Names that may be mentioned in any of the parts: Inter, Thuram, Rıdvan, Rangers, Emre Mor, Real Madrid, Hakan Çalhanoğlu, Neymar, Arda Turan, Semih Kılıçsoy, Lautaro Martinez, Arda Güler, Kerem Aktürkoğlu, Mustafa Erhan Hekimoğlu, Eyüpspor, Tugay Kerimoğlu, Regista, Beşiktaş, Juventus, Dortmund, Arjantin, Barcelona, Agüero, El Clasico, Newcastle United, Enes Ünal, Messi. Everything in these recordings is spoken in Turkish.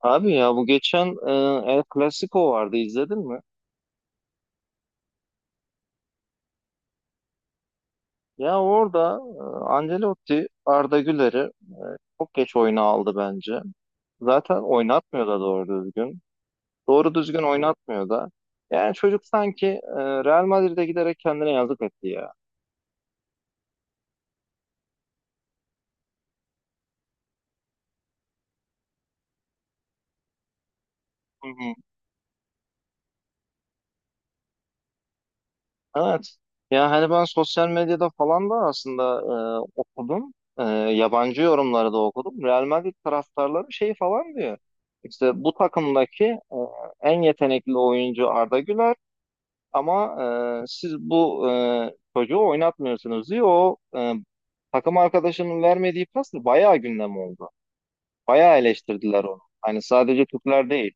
Abi ya bu geçen El Clasico vardı izledin mi? Ya orada Ancelotti Arda Güler'i çok geç oyuna aldı bence. Zaten oynatmıyor da doğru düzgün. Doğru düzgün oynatmıyor da. Yani çocuk sanki Real Madrid'e giderek kendine yazık etti ya. Hı hı. Evet. Ya hani ben sosyal medyada falan da aslında okudum. E, Yabancı yorumları da okudum. Real Madrid taraftarları şey falan diyor. İşte bu takımdaki en yetenekli oyuncu Arda Güler ama siz bu çocuğu oynatmıyorsunuz diyor. O takım arkadaşının vermediği pas da bayağı gündem oldu. Bayağı eleştirdiler onu. Hani sadece Türkler değil.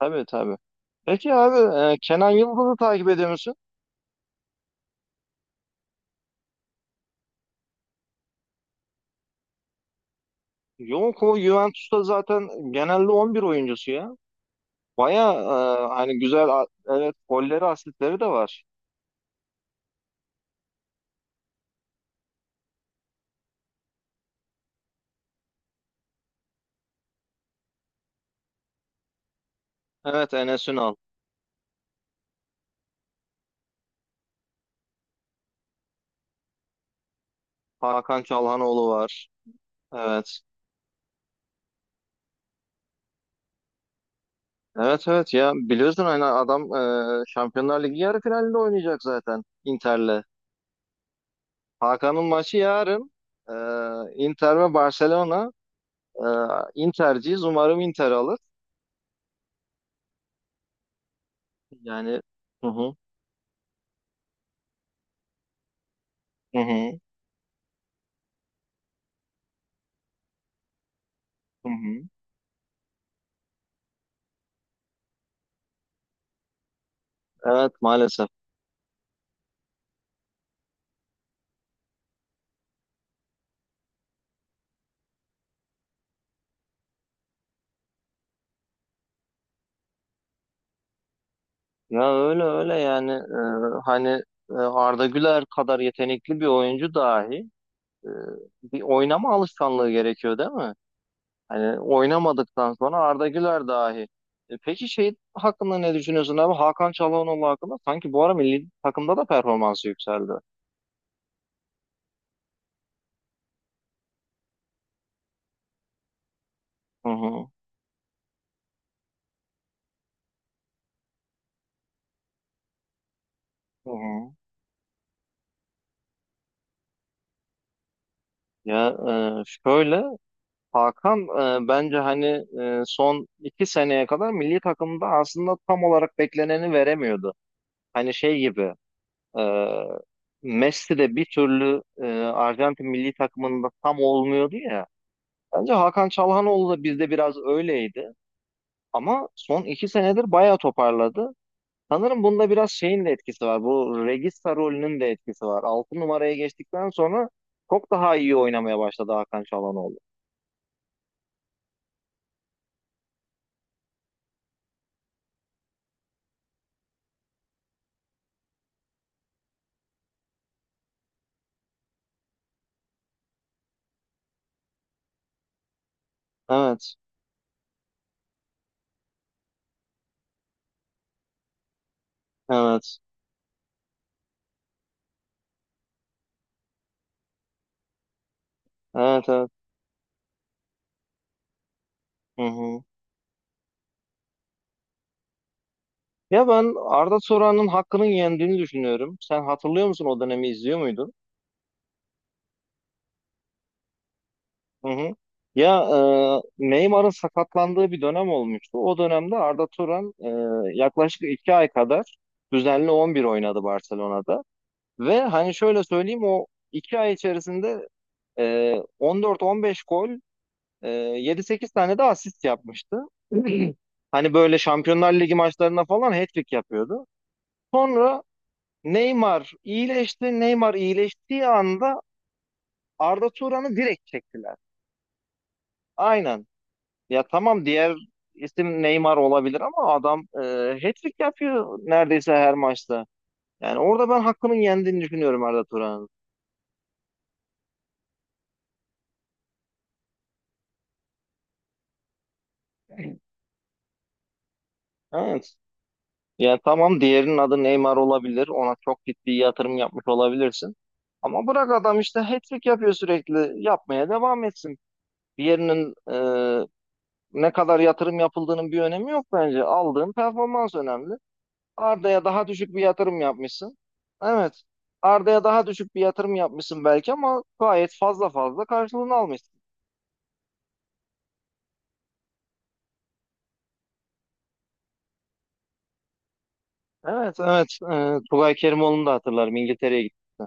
Tabii tabii. Peki abi, Kenan Yıldız'ı takip ediyor musun? Yok, o Juventus'ta zaten genelde 11 oyuncusu ya. Baya hani güzel evet, golleri asistleri de var. Evet, Enes Ünal. Hakan Çalhanoğlu var. Evet. Evet, evet, ya biliyorsun hani adam Şampiyonlar Ligi yarı finalinde oynayacak zaten Inter'le. Hakan'ın maçı yarın, e, Inter ve Barcelona. E, Inter'ciyiz, umarım Inter alır. Yani, hı hı, hı hı. Hı hı. Evet, maalesef. Ya öyle öyle yani, hani, Arda Güler kadar yetenekli bir oyuncu dahi e, bir oynama alışkanlığı gerekiyor değil mi? Hani oynamadıktan sonra Arda Güler dahi. Peki şey hakkında ne düşünüyorsun abi? Hakan Çalhanoğlu hakkında sanki bu ara milli takımda da performansı yükseldi. Hı hı. Hı hı. Ya, şöyle Hakan bence hani son 2 seneye kadar milli takımda aslında tam olarak bekleneni veremiyordu. Hani şey gibi. Ee, Messi de bir türlü Arjantin milli takımında tam olmuyordu ya. Bence Hakan Çalhanoğlu da bizde biraz öyleydi. Ama son 2 senedir bayağı toparladı. Sanırım bunda biraz şeyin de etkisi var. Bu Regista rolünün de etkisi var. 6 numaraya geçtikten sonra çok daha iyi oynamaya başladı Hakan Çalhanoğlu. Evet, evet, evet, evet. Hı hı. Ya, ben Arda Turan'ın hakkının yendiğini düşünüyorum. Sen hatırlıyor musun, o dönemi izliyor muydun? Hı hı. Ya, Neymar'ın sakatlandığı bir dönem olmuştu. O dönemde Arda Turan yaklaşık 2 ay kadar düzenli 11 oynadı Barcelona'da. Ve hani şöyle söyleyeyim, o 2 ay içerisinde 14-15 gol, 7-8 tane de asist yapmıştı. Hani böyle Şampiyonlar Ligi maçlarına falan hat-trick yapıyordu. Sonra Neymar iyileşti. Neymar iyileştiği anda Arda Turan'ı direkt çektiler. Aynen. Ya tamam, diğer isim Neymar olabilir ama adam hat-trick yapıyor neredeyse her maçta. Yani orada ben hakkının yendiğini düşünüyorum Arda Turan'ın. Evet. Ya tamam, diğerinin adı Neymar olabilir. Ona çok ciddi yatırım yapmış olabilirsin. Ama bırak, adam işte hat-trick yapıyor sürekli. Yapmaya devam etsin. Diğerinin ne kadar yatırım yapıldığının bir önemi yok bence. Aldığın performans önemli. Arda'ya daha düşük bir yatırım yapmışsın. Evet. Arda'ya daha düşük bir yatırım yapmışsın belki ama gayet fazla fazla karşılığını almışsın. Evet, evet. Tugay Kerimoğlu'nu da hatırlarım. İngiltere'ye gitti.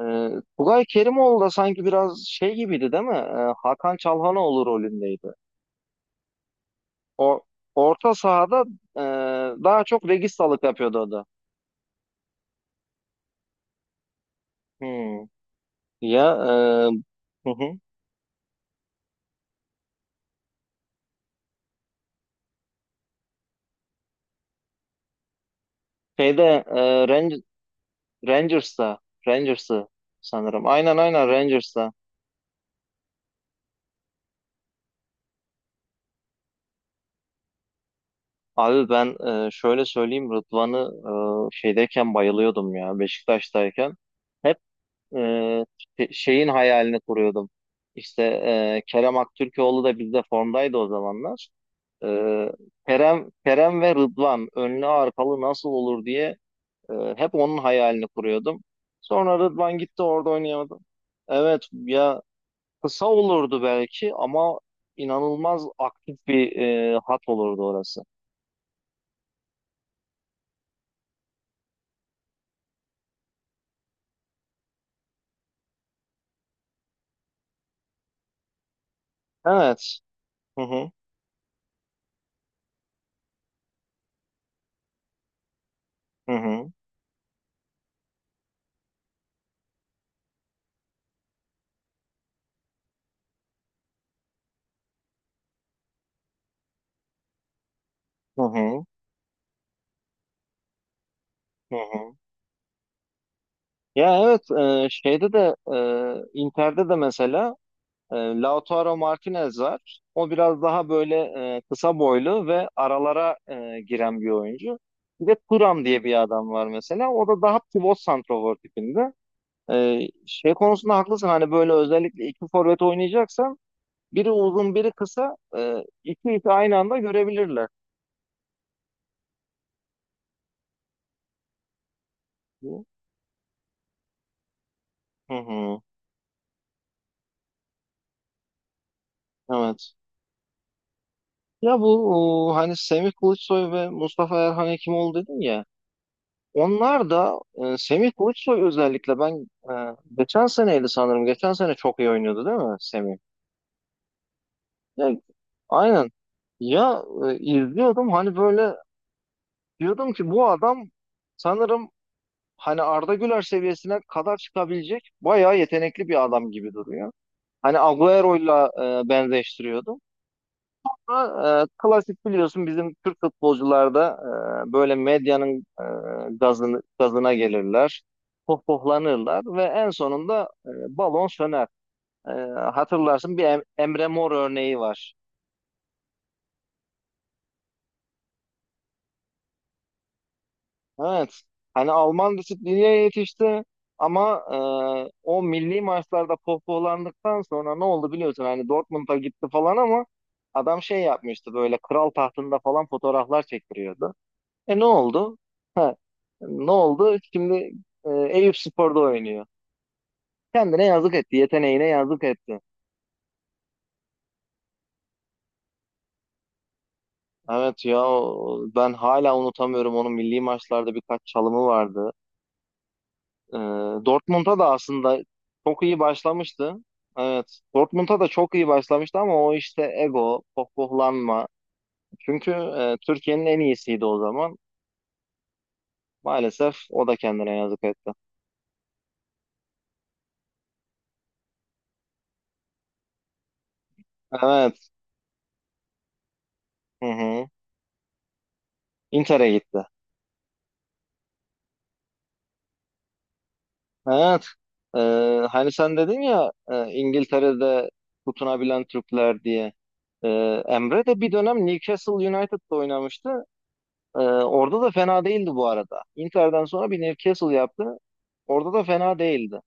Ee, Tugay Kerimoğlu da sanki biraz şey gibiydi değil mi? Hakan Çalhanoğlu rolündeydi. O orta sahada e, daha çok registalık yapıyordu o da. Hmm. Ya, hı hı. Şeyde e, Ran- Rangers'ta Rangers'ı sanırım. Aynen, aynen, Rangers'ta. Abi ben şöyle söyleyeyim, Rıdvan'ı şeydeyken bayılıyordum ya, Beşiktaş'tayken. Hep e, şeyin hayalini kuruyordum. İşte Kerem Aktürkoğlu da bizde formdaydı o zamanlar. E, Kerem Kerem ve Rıdvan önlü arkalı nasıl olur diye hep onun hayalini kuruyordum. Sonra Rıdvan gitti, orada oynayamadı. Evet ya, kısa olurdu belki ama inanılmaz aktif bir hat olurdu orası. Evet. Hı hı. Hı hı, hı hı, hı hı. Ya evet, şeyde de Inter'de de mesela Lautaro Martinez var. O biraz daha böyle kısa boylu ve aralara giren bir oyuncu. Bir de Thuram diye bir adam var mesela. O da daha pivot santrafor tipinde. E, Şey konusunda haklısın, hani böyle özellikle iki forvet oynayacaksan biri uzun biri kısa, iki ipi aynı anda görebilirler. Hı hı, evet. Ya bu hani Semih Kılıçsoy ve Mustafa Erhan Hekimoğlu dedim ya. Onlar da Semih Kılıçsoy özellikle, ben geçen seneydi sanırım. Geçen sene çok iyi oynuyordu değil mi Semih? Ya, aynen. Ya, izliyordum hani böyle, diyordum ki bu adam sanırım hani Arda Güler seviyesine kadar çıkabilecek bayağı yetenekli bir adam gibi duruyor. Hani Agüero'yla benzeştiriyordum. Ama, klasik biliyorsun, bizim Türk futbolcularda böyle medyanın gazına gelirler, pohpohlanırlar ve en sonunda balon söner. E, Hatırlarsın, bir Emre Mor örneği var. Evet, hani Alman disipline yetişti ama o milli maçlarda pohpohlandıktan sonra ne oldu biliyorsun, hani Dortmund'a gitti falan ama adam şey yapmıştı, böyle kral tahtında falan fotoğraflar çektiriyordu. Ne oldu? Ha, ne oldu? Şimdi Eyüpspor'da oynuyor. Kendine yazık etti. Yeteneğine yazık etti. Evet ya, ben hala unutamıyorum, onun milli maçlarda birkaç çalımı vardı. E, Dortmund'a da aslında çok iyi başlamıştı. Evet. Dortmund'a da çok iyi başlamıştı ama o işte ego, pohpohlanma. Çünkü Türkiye'nin en iyisiydi o zaman. Maalesef o da kendine yazık etti. Evet. Hı hı. Inter'e gitti. Evet. Ee, Hani sen dedin ya, İngiltere'de tutunabilen Türkler diye. Ee, Emre de bir dönem Newcastle United'da oynamıştı. Orada da fena değildi bu arada. Inter'den sonra bir Newcastle yaptı. Orada da fena değildi.